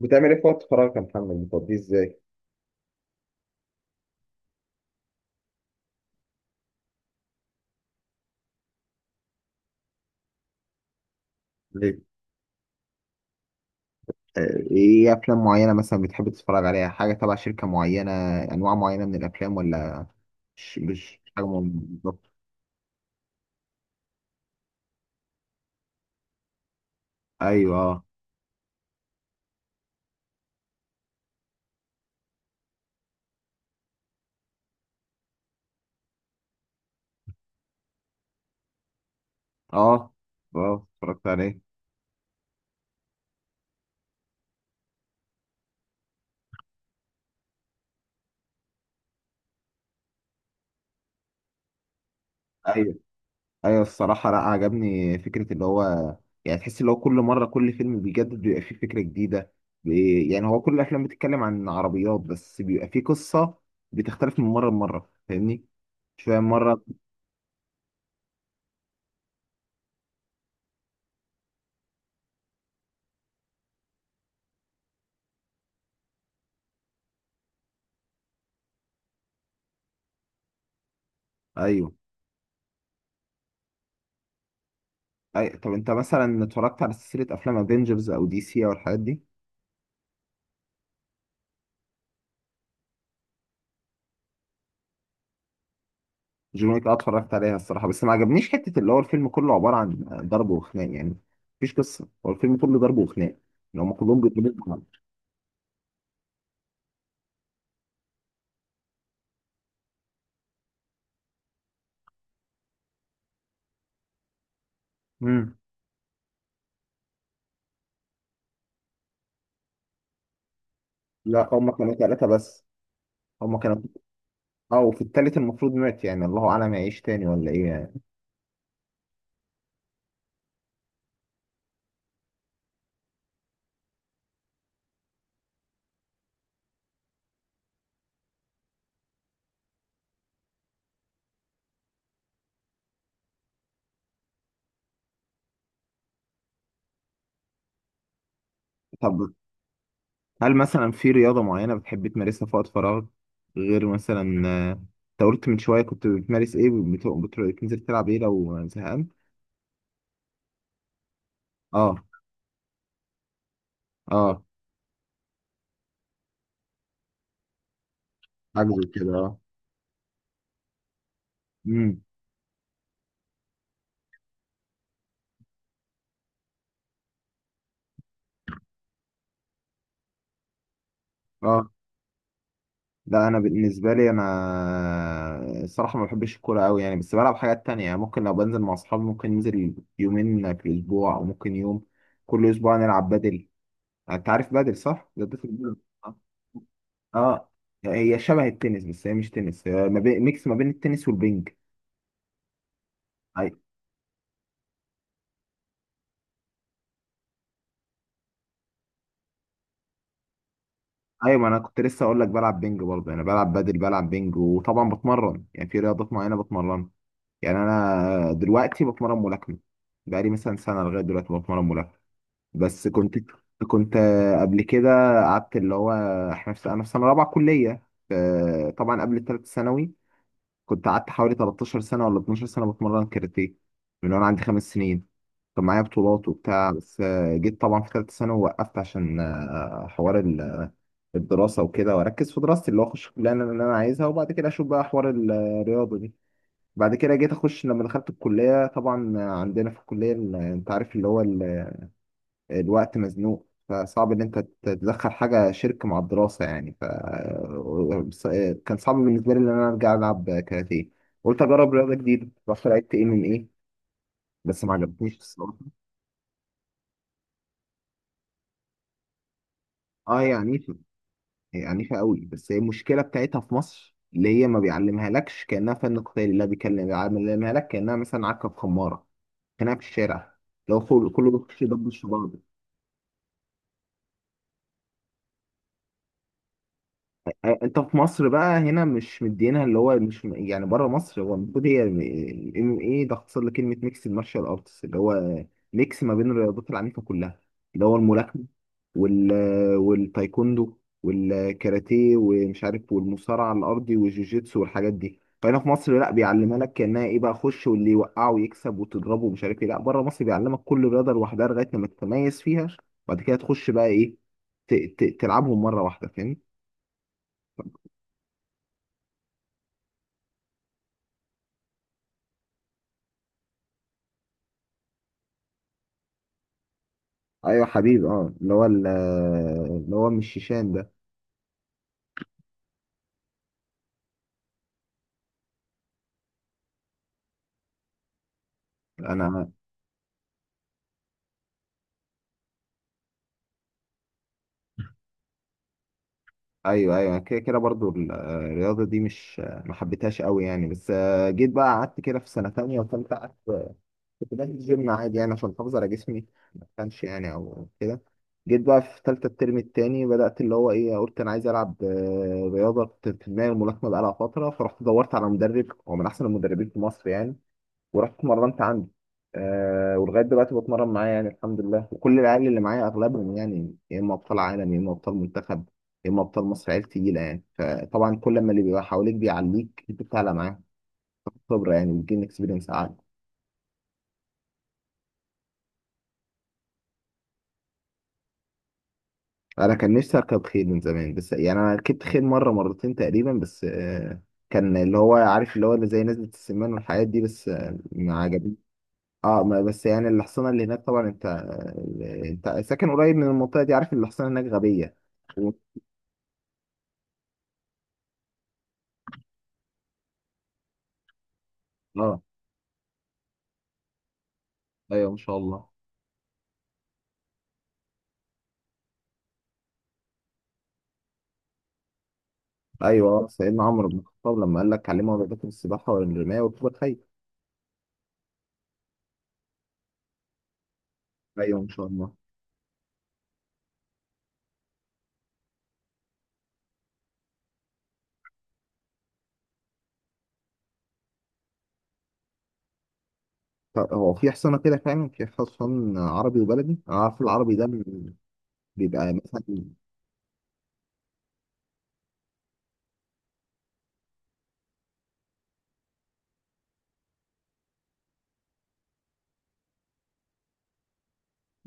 بتعمل ايه في وقت فراغك يا محمد، بتقضيه ازاي؟ طيب، آه، ايه افلام معينه مثلا بتحب تتفرج عليها؟ حاجه تبع شركه معينه؟ انواع معينه من الافلام ولا مش حاجه معينة بالظبط؟ ايوه، اه. اه، اه، اتفرجت عليه. ايوه، ايوه، الصراحه لا، عجبني فكره اللي هو يعني، تحس اللي هو كل مره كل فيلم بيجدد، بيبقى فيه فكره جديده. يعني هو كل الافلام بتتكلم عن عربيات، بس بيبقى فيه قصه بتختلف من مره لمره، فاهمني؟ شويه مره. ايوه. طب انت مثلا اتفرجت على سلسله افلام افنجرز او دي سي او الحاجات دي؟ جون ويك، اه اتفرجت عليها الصراحه، بس ما عجبنيش حته اللي هو الفيلم كله عباره عن ضرب وخناق يعني. مفيش قصه، هو الفيلم كله ضرب وخناق، يعني هم كلهم بيضربوا بعض. امم. لا، هم كانوا ثلاثه بس. هم كانوا اه، وفي التالت المفروض مات، يعني الله اعلم يعيش تاني ولا ايه يعني. طب، هل مثلا في رياضه معينه بتحب تمارسها في وقت فراغك؟ غير مثلا، انت قلت من شويه كنت بتمارس ايه، بتنزل تلعب ايه لو زهقان؟ اه. اه، حاجة زي كده، اه. امم. اه. لا، انا بالنسبه لي انا الصراحه ما بحبش الكوره قوي يعني، بس بلعب حاجات تانية. يعني ممكن لو بنزل مع اصحابي ممكن ننزل يومين في الاسبوع او ممكن يوم كل اسبوع نلعب بدل. انت عارف بدل؟ صح، ده في البدل. اه. آه. هي شبه التنس، بس هي مش تنس، هي ما بين، ميكس ما بين التنس والبنج. أي- ايوه، ما انا كنت لسه اقول لك بلعب بنج برضه، انا بلعب بدل، بلعب بنج، وطبعا بتمرن، يعني في رياضات معينه بتمرن. يعني انا دلوقتي بتمرن ملاكمه، بقالي مثلا سنه لغايه دلوقتي بتمرن ملاكمه. بس كنت قبل كده قعدت اللي هو، احنا في انا في سنه رابعه كليه، ف- طبعا قبل الثالث ثانوي كنت قعدت حوالي 13 سنه ولا 12 سنه بتمرن كاراتيه من وانا عندي خمس سنين. كان معايا بطولات وبتاع، بس جيت طبعا في ثالث ثانوي وقفت عشان حوار الدراسه وكده، واركز في دراستي اللي هو اخش الكليه اللي أنا عايزها، وبعد كده اشوف بقى حوار الرياضه دي. بعد كده جيت اخش، لما دخلت الكليه طبعا عندنا في الكليه، انت عارف اللي هو الوقت مزنوق، فصعب ان انت تدخل حاجه شرك مع الدراسه يعني، ف ص- كان صعب بالنسبه لي ان انا ارجع العب كاراتيه. قلت اجرب رياضه جديده، رحت لعبت ام ام ايه، بس ما عجبتنيش الصراحه. اه، هي عنيفه، هي عنيفه قوي. بس هي المشكله بتاعتها في مصر اللي هي ما بيعلمها لكش كانها فن قتالي، لا بيكلم بيعلمها لك كانها مثلا عكه في خماره، كانها في الشارع، لو كله كله بيخش يضبش في بعض. آه، انت في مصر بقى هنا مش مدينها اللي هو، مش يعني، بره مصر هو المفروض هي الام ام ايه، ده اختصار لكلمه ميكس المارشال ارتس، اللي هو ميكس ما بين الرياضات العنيفه كلها، اللي هو الملاكمه، وال والتايكوندو والكاراتيه ومش عارف، والمصارعه الارضي والجوجيتسو والحاجات دي. فهنا في مصر لا بيعلمها لك كانها ايه بقى، خش واللي يوقعه ويكسب وتضربه ومش عارف ايه، لا بره مصر بيعلمك كل رياضه لوحدها لغايه لما تتميز فيها وبعد كده تخش بقى ايه، تلعبهم مره واحده، فاهم؟ ايوه حبيب، اه اللي هو اللي هو مش شيشان ده؟ انا. ايوه، ايوه، أنا كده كده برضو الرياضه دي مش، ما حبيتهاش قوي يعني. بس جيت بقى قعدت كده في سنه تانية وثالثه، قعدت كنت بنزل الجيم عادي يعني عشان احافظ على جسمي، ما كانش يعني او كده. جيت بقى في ثالثه الترم التاني بدات اللي هو ايه، قلت انا عايز العب، رياضه كنت في دماغي، الملاكمه بقالها فتره، فرحت دورت على مدرب هو من احسن المدربين في مصر يعني، ورحت اتمرنت عنده. ولغايه دلوقتي بتمرن معاه يعني الحمد لله، وكل العيال اللي معايا اغلبهم يعني يا اما ابطال عالم، يا اما ابطال منتخب، يا اما ابطال مصر، عيال تقيله يعني. فطبعا كل ما اللي بيبقى حواليك بيعليك، انت بتعلى معاه خبره يعني، بتجيب اكسبيرينس عالي. انا كان نفسي اركب خيل من زمان، بس يعني انا ركبت خيل مره مرتين تقريبا بس. كان اللي هو، عارف اللي هو اللي زي نزلة السمان والحاجات دي، بس ما عجبنيش. اه، ما بس يعني الحصانه اللي هناك طبعا، انت ساكن قريب من المنطقه دي، عارف ان الحصانه هناك غبيه. و- اه. ايوه، ما شاء الله. ايوه، سيدنا عمرو بن الخطاب لما قال لك علموا اولادكم السباحه والرمايه وركوب الخيل. ايوه، ان شاء الله. طب، هو في حصانه كده فعلا، في حصان عربي وبلدي؟ انا عارف العربي ده بيبقى مثلا،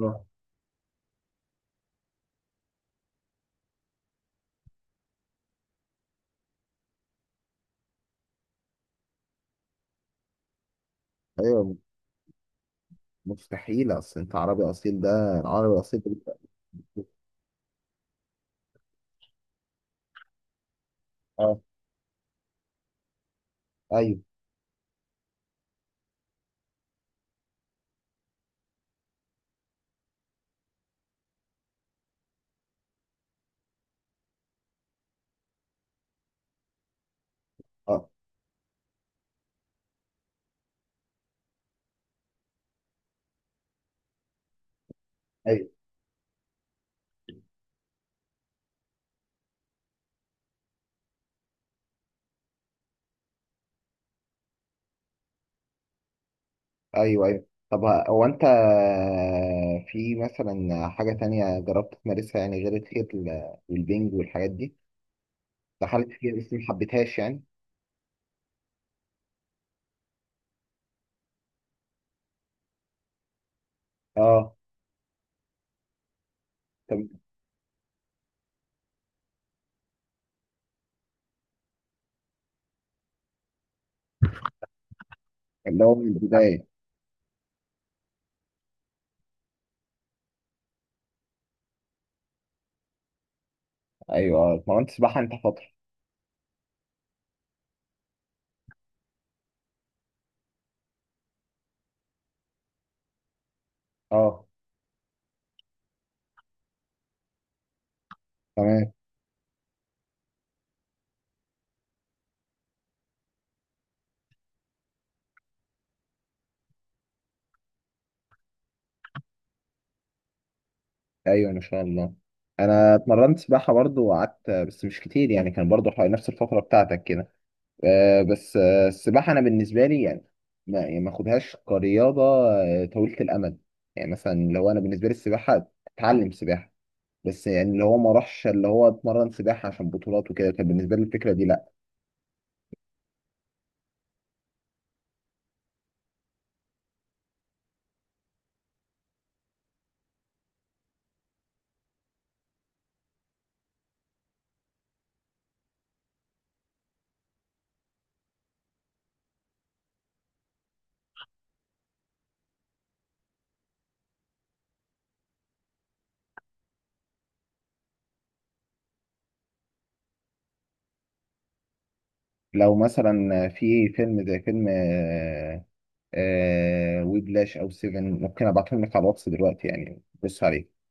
آه. ايوه. مستحيل، اصل انت عربي اصيل ده، العربي الاصيل ده بيبقى. اه. ايوه. اه. ايوه، ايوه، ايوه. طب، هو انت في مثلا حاجة تانية جربت تمارسها يعني غير الخيل والبنج والحاجات دي، دخلت فيها بس ما حبيتهاش يعني؟ اه. طب، اللي هو من البداية. ايوه، اه اتمرنت سباحة انت فترة. اه، تمام. ايوه، ما شاء الله. انا اتمرنت سباحة برضو وقعدت بس مش كتير يعني، كان برضو حوالي نفس الفترة بتاعتك كده. آه، بس آه، السباحة أنا بالنسبة لي يعني ما يعني ما أخدهاش كرياضة طويلة الأمد. يعني مثلا لو أنا بالنسبة لي السباحة أتعلم سباحة بس، يعني اللي هو ما راحش اللي هو اتمرن سباحة عشان بطولات وكده، كان بالنسبة لي الفكرة دي لأ. لو مثلا في فيلم زي فيلم ويبلاش أو سيفن، ممكن أبعتهم لك على الواتس دلوقتي يعني بص عليه.